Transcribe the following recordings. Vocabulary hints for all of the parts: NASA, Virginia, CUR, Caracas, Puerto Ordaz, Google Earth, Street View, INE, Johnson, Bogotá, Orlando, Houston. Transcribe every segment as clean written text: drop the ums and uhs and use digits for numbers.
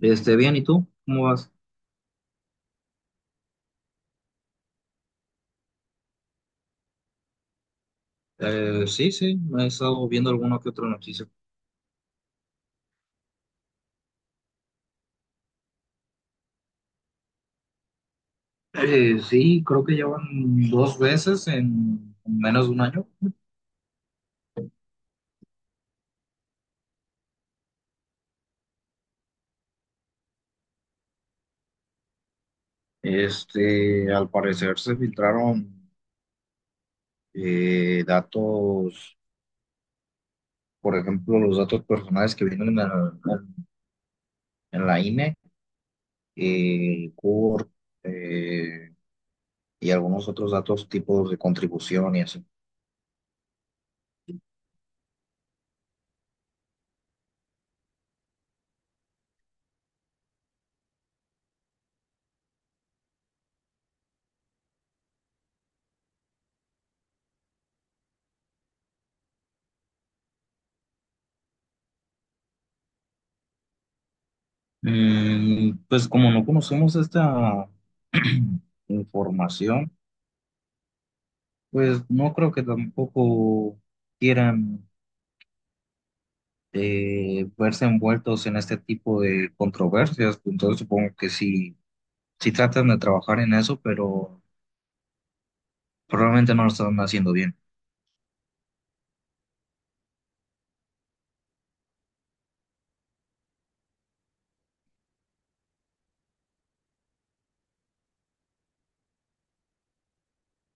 Bien, ¿y tú? ¿Cómo vas? Sí, sí, he estado viendo alguna que otra noticia. Sí, creo que llevan dos veces en menos de un año. Al parecer se filtraron datos, por ejemplo, los datos personales que vienen en la INE, CUR, eh, y algunos otros datos, tipos de contribución y así. Pues como no conocemos esta información. Pues no creo que tampoco quieran verse envueltos en este tipo de controversias, entonces supongo que sí, sí tratan de trabajar en eso, pero probablemente no lo están haciendo bien.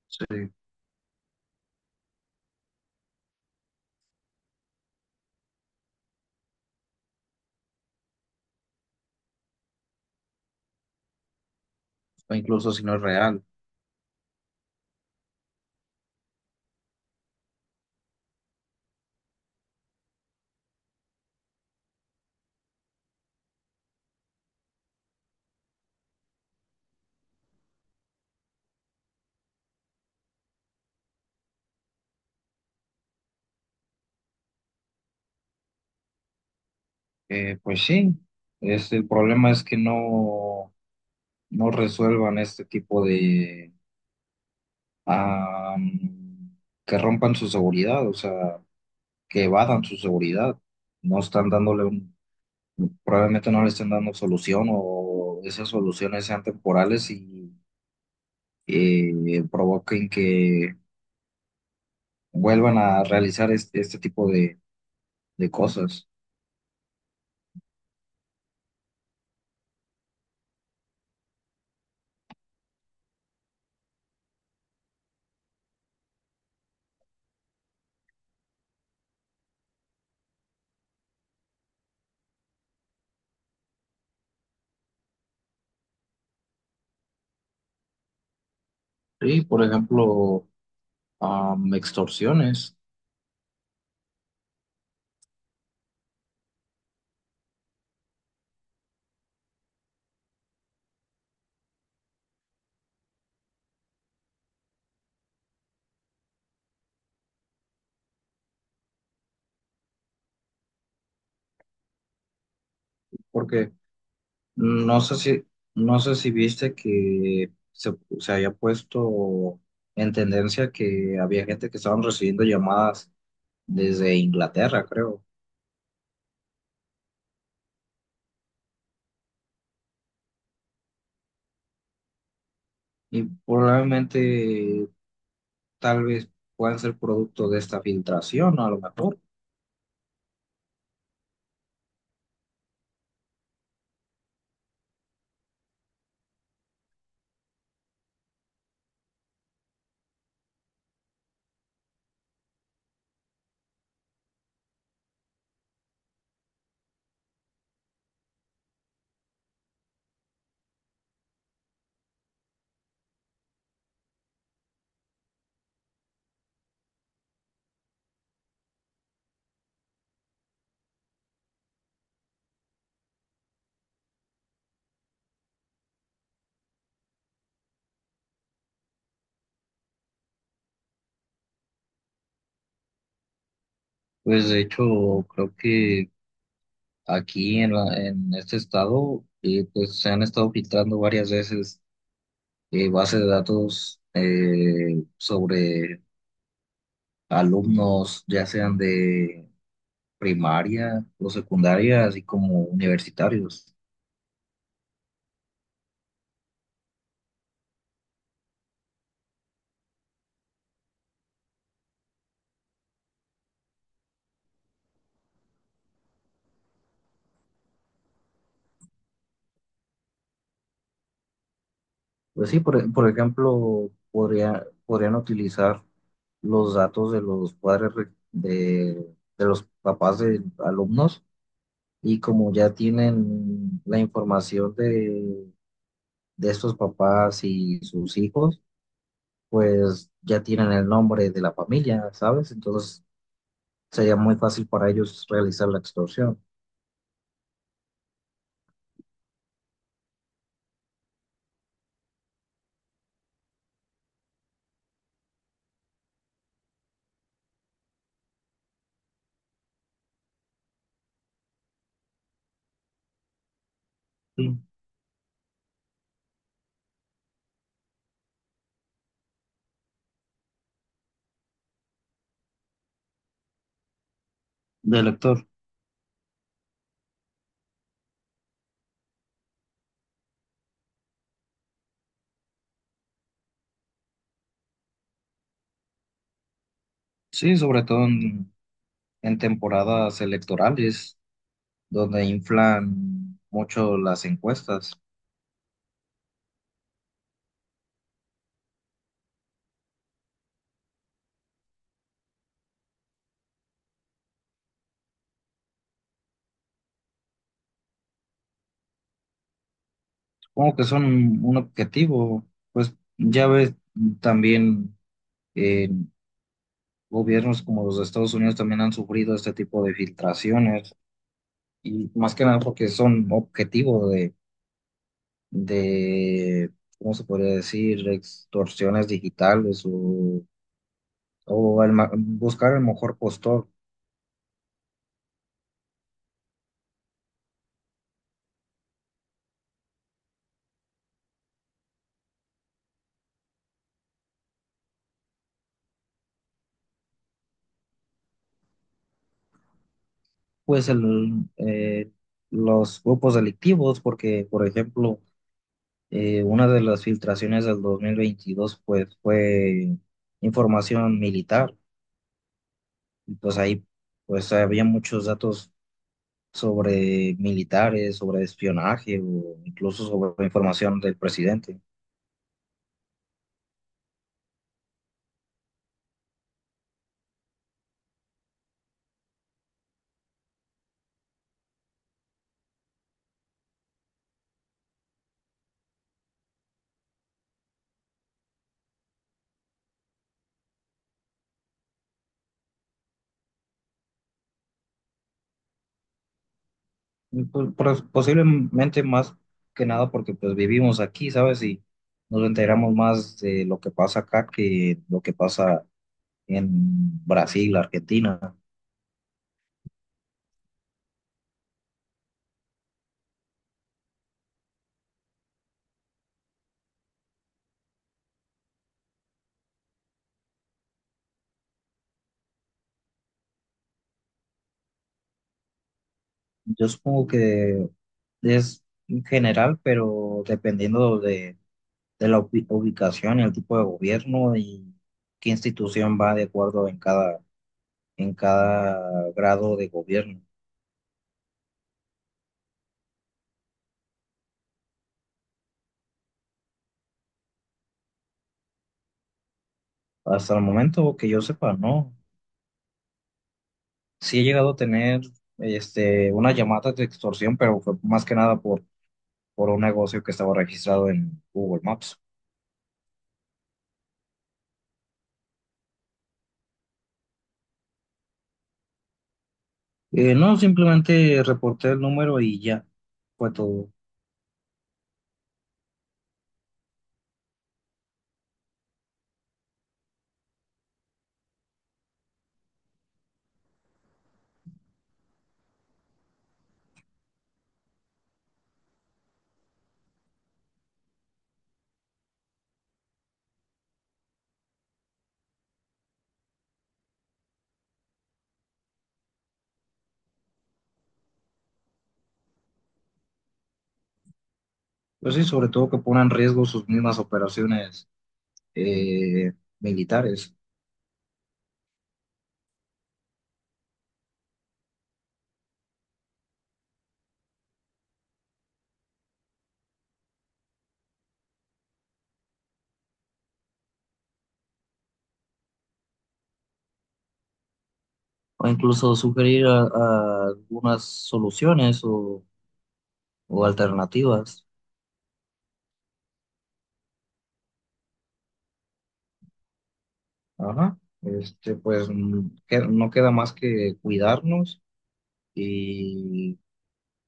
Sí, o incluso si no es real. Pues sí, es, el problema es que no resuelvan este tipo de... am, que rompan su seguridad, o sea, que evadan su seguridad, no están dándole un probablemente no le estén dando solución o esas soluciones sean temporales y provoquen que vuelvan a realizar este tipo de cosas. Sí, por ejemplo, extorsiones, porque no sé si, no sé si viste que se había puesto en tendencia que había gente que estaban recibiendo llamadas desde Inglaterra, creo. Y probablemente tal vez puedan ser producto de esta filtración, a lo mejor. Pues de hecho, creo que en este estado, pues se han estado filtrando varias veces bases de datos sobre alumnos, ya sean de primaria o secundaria, así como universitarios. Pues sí, por ejemplo, podrían utilizar los datos de los padres re- de los papás de alumnos. Y como ya tienen la información de estos papás y sus hijos, pues ya tienen el nombre de la familia, ¿sabes? Entonces sería muy fácil para ellos realizar la extorsión. Sí, del lector. Sí, sobre todo en temporadas electorales, donde inflan mucho las encuestas. Supongo que son un objetivo, pues ya ves también gobiernos como los de Estados Unidos también han sufrido este tipo de filtraciones y más que nada porque son objetivo de ¿cómo se podría decir? Extorsiones digitales o, buscar el mejor postor, pues eh, los grupos delictivos, porque por ejemplo, una de las filtraciones del 2022 pues fue información militar, y pues ahí pues había muchos datos sobre militares, sobre espionaje o incluso sobre información del presidente. Y, pues, posiblemente más que nada porque pues vivimos aquí, ¿sabes? Y nos enteramos más de lo que pasa acá que lo que pasa en Brasil, Argentina. Yo supongo que es en general, pero dependiendo de, ubicación y el tipo de gobierno y qué institución va de acuerdo en cada grado de gobierno. Hasta el momento que yo sepa, no. Sí he llegado a tener una llamada de extorsión, pero fue más que nada por, por un negocio que estaba registrado en Google Maps. No, simplemente reporté el número y ya fue todo. Pues sí, sobre todo que pongan en riesgo sus mismas operaciones eh, militares. O incluso sugerir a algunas soluciones o alternativas. Ajá. Pues no queda más que cuidarnos y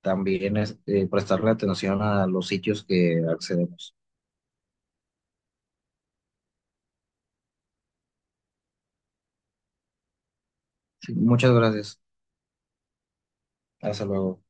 también es, prestarle atención a los sitios que accedemos. Sí, muchas gracias. Hasta luego.